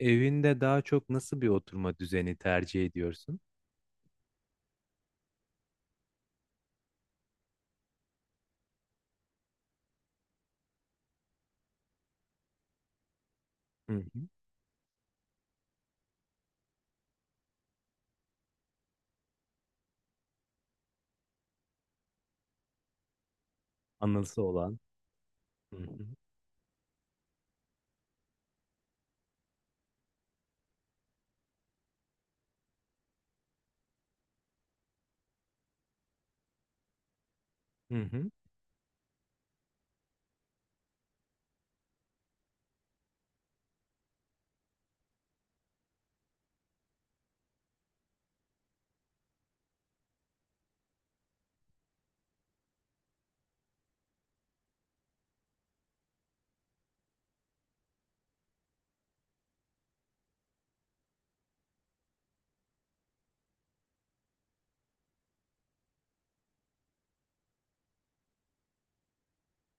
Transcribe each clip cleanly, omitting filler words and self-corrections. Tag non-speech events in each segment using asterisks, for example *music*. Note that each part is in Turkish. Evinde daha çok nasıl bir oturma düzeni tercih ediyorsun? Hı hı. Anısı olan. Hı hı. Hı hı.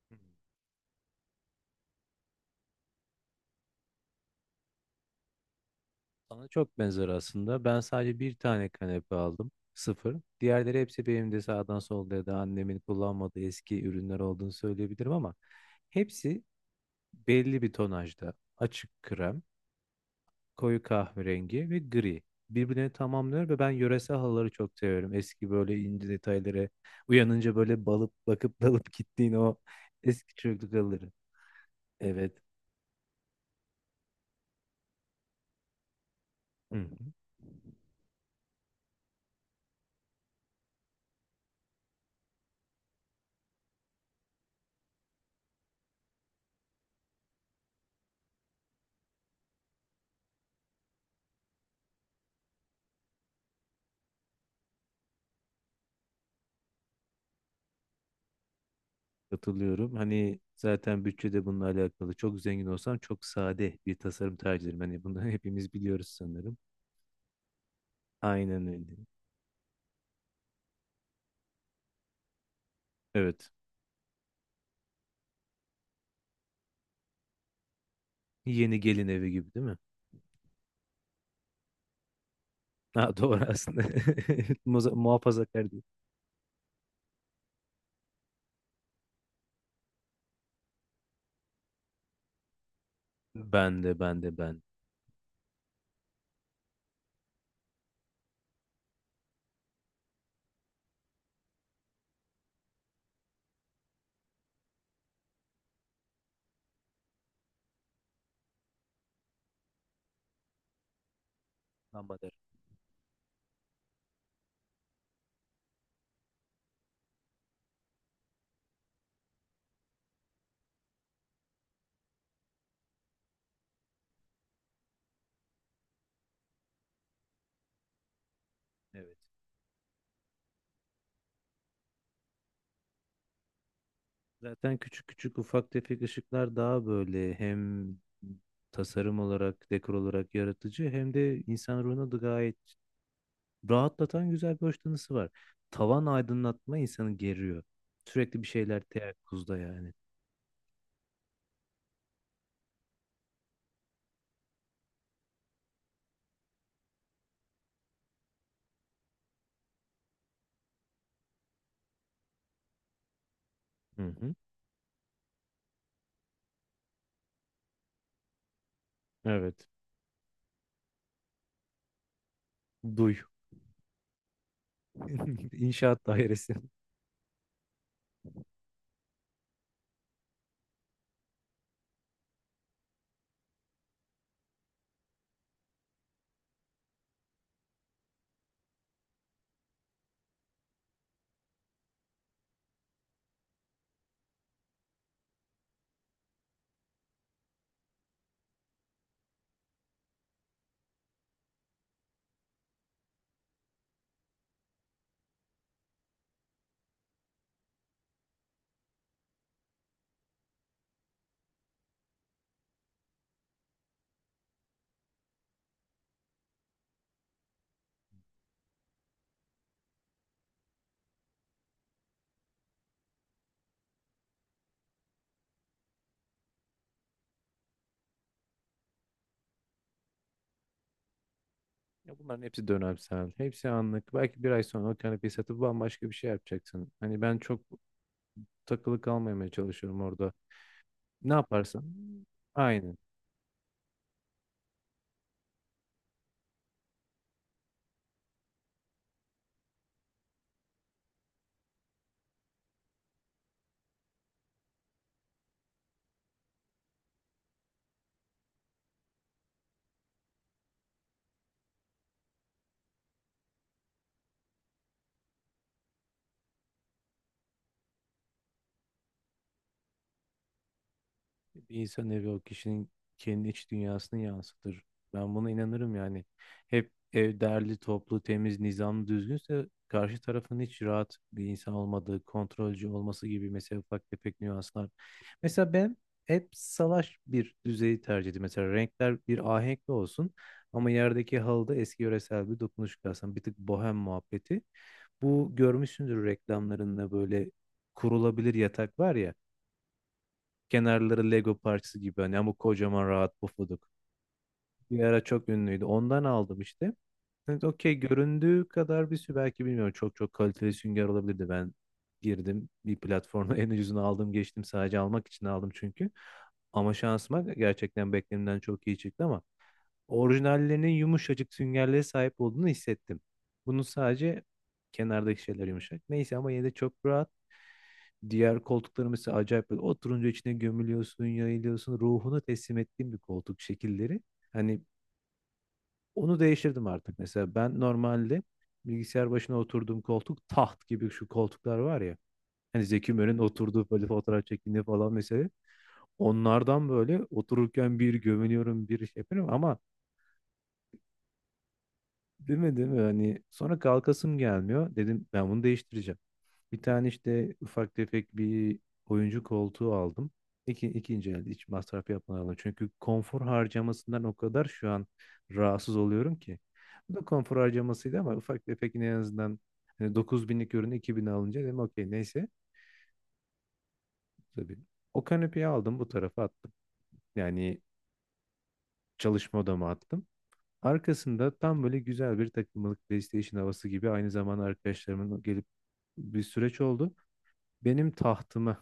Hı. Sana çok benzer aslında. Ben sadece bir tane kanepe aldım. Sıfır. Diğerleri hepsi benim de sağdan solda ya da annemin kullanmadığı eski ürünler olduğunu söyleyebilirim ama hepsi belli bir tonajda. Açık krem, koyu kahverengi ve gri. Birbirini tamamlıyor ve ben yöresel halıları çok seviyorum. Eski böyle ince detayları. Uyanınca böyle balıp bakıp *laughs* dalıp gittiğin o eski çocukluk halıları. Evet. Hı hı. Katılıyorum. Hani zaten bütçede de bununla alakalı. Çok zengin olsam çok sade bir tasarım tercih ederim. Hani bunu *laughs* hepimiz biliyoruz sanırım. Aynen öyle. Evet. Yeni gelin evi gibi değil mi? *laughs* Ha, doğru aslında. *laughs* Muhafazakar değil. Ben de. Ama derim. Evet. Zaten küçük küçük ufak tefek ışıklar daha böyle hem tasarım olarak, dekor olarak yaratıcı hem de insan ruhuna da gayet rahatlatan güzel bir hoşlanısı var. Tavan aydınlatma insanı geriyor. Sürekli bir şeyler teyakkuzda yani. Hı hı. Evet. Duy. *laughs* İnşaat dairesi. Ya bunların hepsi dönemsel. Hepsi anlık. Belki bir ay sonra o kanepeyi satıp bambaşka bir şey yapacaksın. Hani ben çok takılı kalmamaya çalışıyorum orada. Ne yaparsan. Aynen. Bir insan evi o kişinin kendi iç dünyasını yansıtır. Ben buna inanırım yani. Hep ev derli, toplu, temiz, nizamlı, düzgünse karşı tarafın hiç rahat bir insan olmadığı, kontrolcü olması gibi mesela ufak tefek nüanslar. Mesela ben hep salaş bir düzeyi tercih ediyorum. Mesela renkler bir ahenkli olsun ama yerdeki halıda eski yöresel bir dokunuş kalsın. Bir tık bohem muhabbeti. Bu görmüşsündür reklamlarında böyle kurulabilir yatak var ya. Kenarları Lego parçası gibi hani ama kocaman rahat pufuduk. Bir ara çok ünlüydü. Ondan aldım işte. Evet, okey göründüğü kadar bir sü belki bilmiyorum. Çok çok kaliteli sünger olabilirdi. Ben girdim bir platforma, *laughs* en ucuzunu aldım geçtim. Sadece almak için aldım çünkü. Ama şansıma gerçekten beklenimden çok iyi çıktı ama orijinallerinin yumuşacık süngerlere sahip olduğunu hissettim. Bunun sadece kenardaki şeyler yumuşak. Neyse ama yine de çok rahat. Diğer koltukları mesela acayip böyle oturunca içine gömülüyorsun, yayılıyorsun. Ruhunu teslim ettiğim bir koltuk şekilleri. Hani onu değiştirdim artık. Mesela ben normalde bilgisayar başına oturduğum koltuk taht gibi şu koltuklar var ya. Hani Zeki Müren'in oturduğu böyle fotoğraf çektiğinde falan mesela. Onlardan böyle otururken bir gömülüyorum bir şey yapıyorum ama değil mi değil mi? Hani sonra kalkasım gelmiyor. Dedim ben bunu değiştireceğim. Bir tane işte ufak tefek bir oyuncu koltuğu aldım. İki, ikinci elde hiç masraf yapmadan aldım. Çünkü konfor harcamasından o kadar şu an rahatsız oluyorum ki. Bu da konfor harcamasıydı ama ufak tefek yine en azından hani 9000'lik ürünü 2000'e alınca dedim okey neyse. Tabii. O kanepeyi aldım bu tarafa attım. Yani çalışma odama attım. Arkasında tam böyle güzel bir takımlık PlayStation havası gibi aynı zamanda arkadaşlarımın gelip bir süreç oldu. Benim tahtımı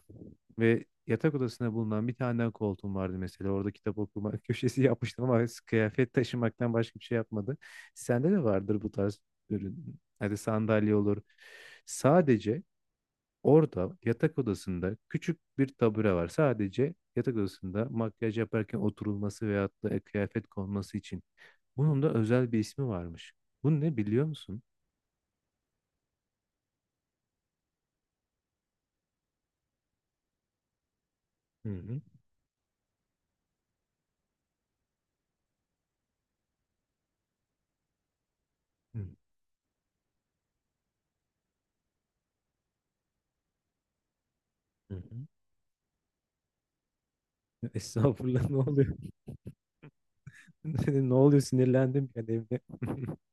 ve yatak odasına bulunan bir tane daha koltuğum vardı mesela. Orada kitap okuma *laughs* köşesi yapmıştım ama kıyafet taşımaktan başka bir şey yapmadı. Sende de vardır bu tarz ürün. Hadi sandalye olur. Sadece orada yatak odasında küçük bir tabure var. Sadece yatak odasında makyaj yaparken oturulması veyahut da kıyafet konması için. Bunun da özel bir ismi varmış. Bu ne biliyor musun? Hı hı. Hı hı. Hı. *laughs* Estağfurullah ne oluyor? *laughs* Ne oluyor, sinirlendim ben evde. *laughs*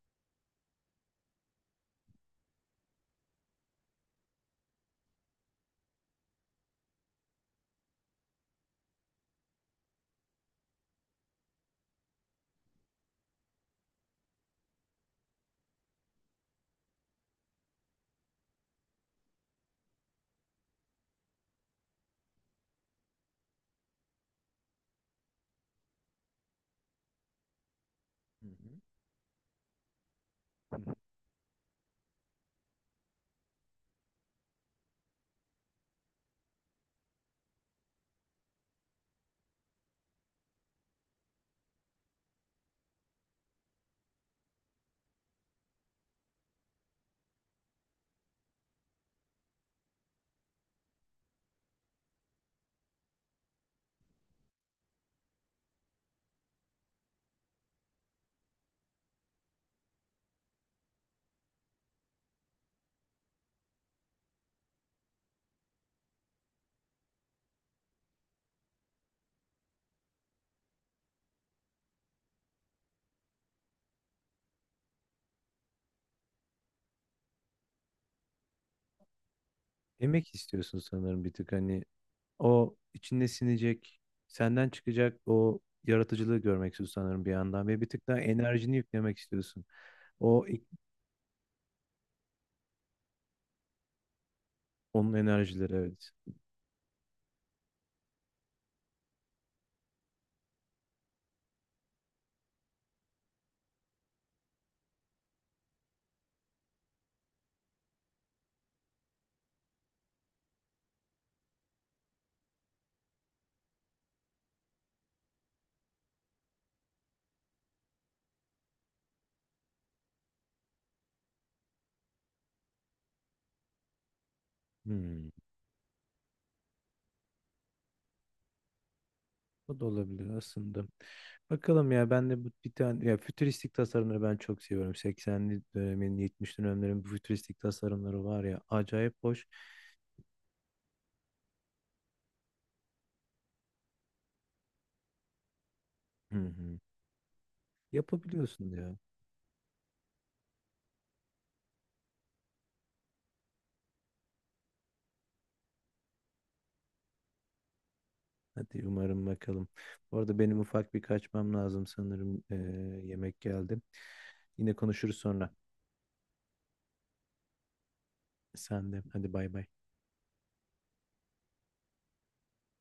Hı hı. Emek *laughs* istiyorsun sanırım bir tık, hani o içinde sinecek, senden çıkacak o yaratıcılığı görmek istiyorsun sanırım bir yandan ve bir tık daha enerjini yüklemek istiyorsun. O onun enerjileri, evet. Hmm. O da olabilir aslında. Bakalım ya, ben de bu bir tane ya, fütüristik tasarımları ben çok seviyorum. 80'li dönemin 70'li dönemlerin bu fütüristik tasarımları var ya acayip hoş. Hı hı. Yapabiliyorsun ya. Hadi umarım, bakalım. Bu arada benim ufak bir kaçmam lazım sanırım. Yemek geldi. Yine konuşuruz sonra. Sen de. Hadi bay bay.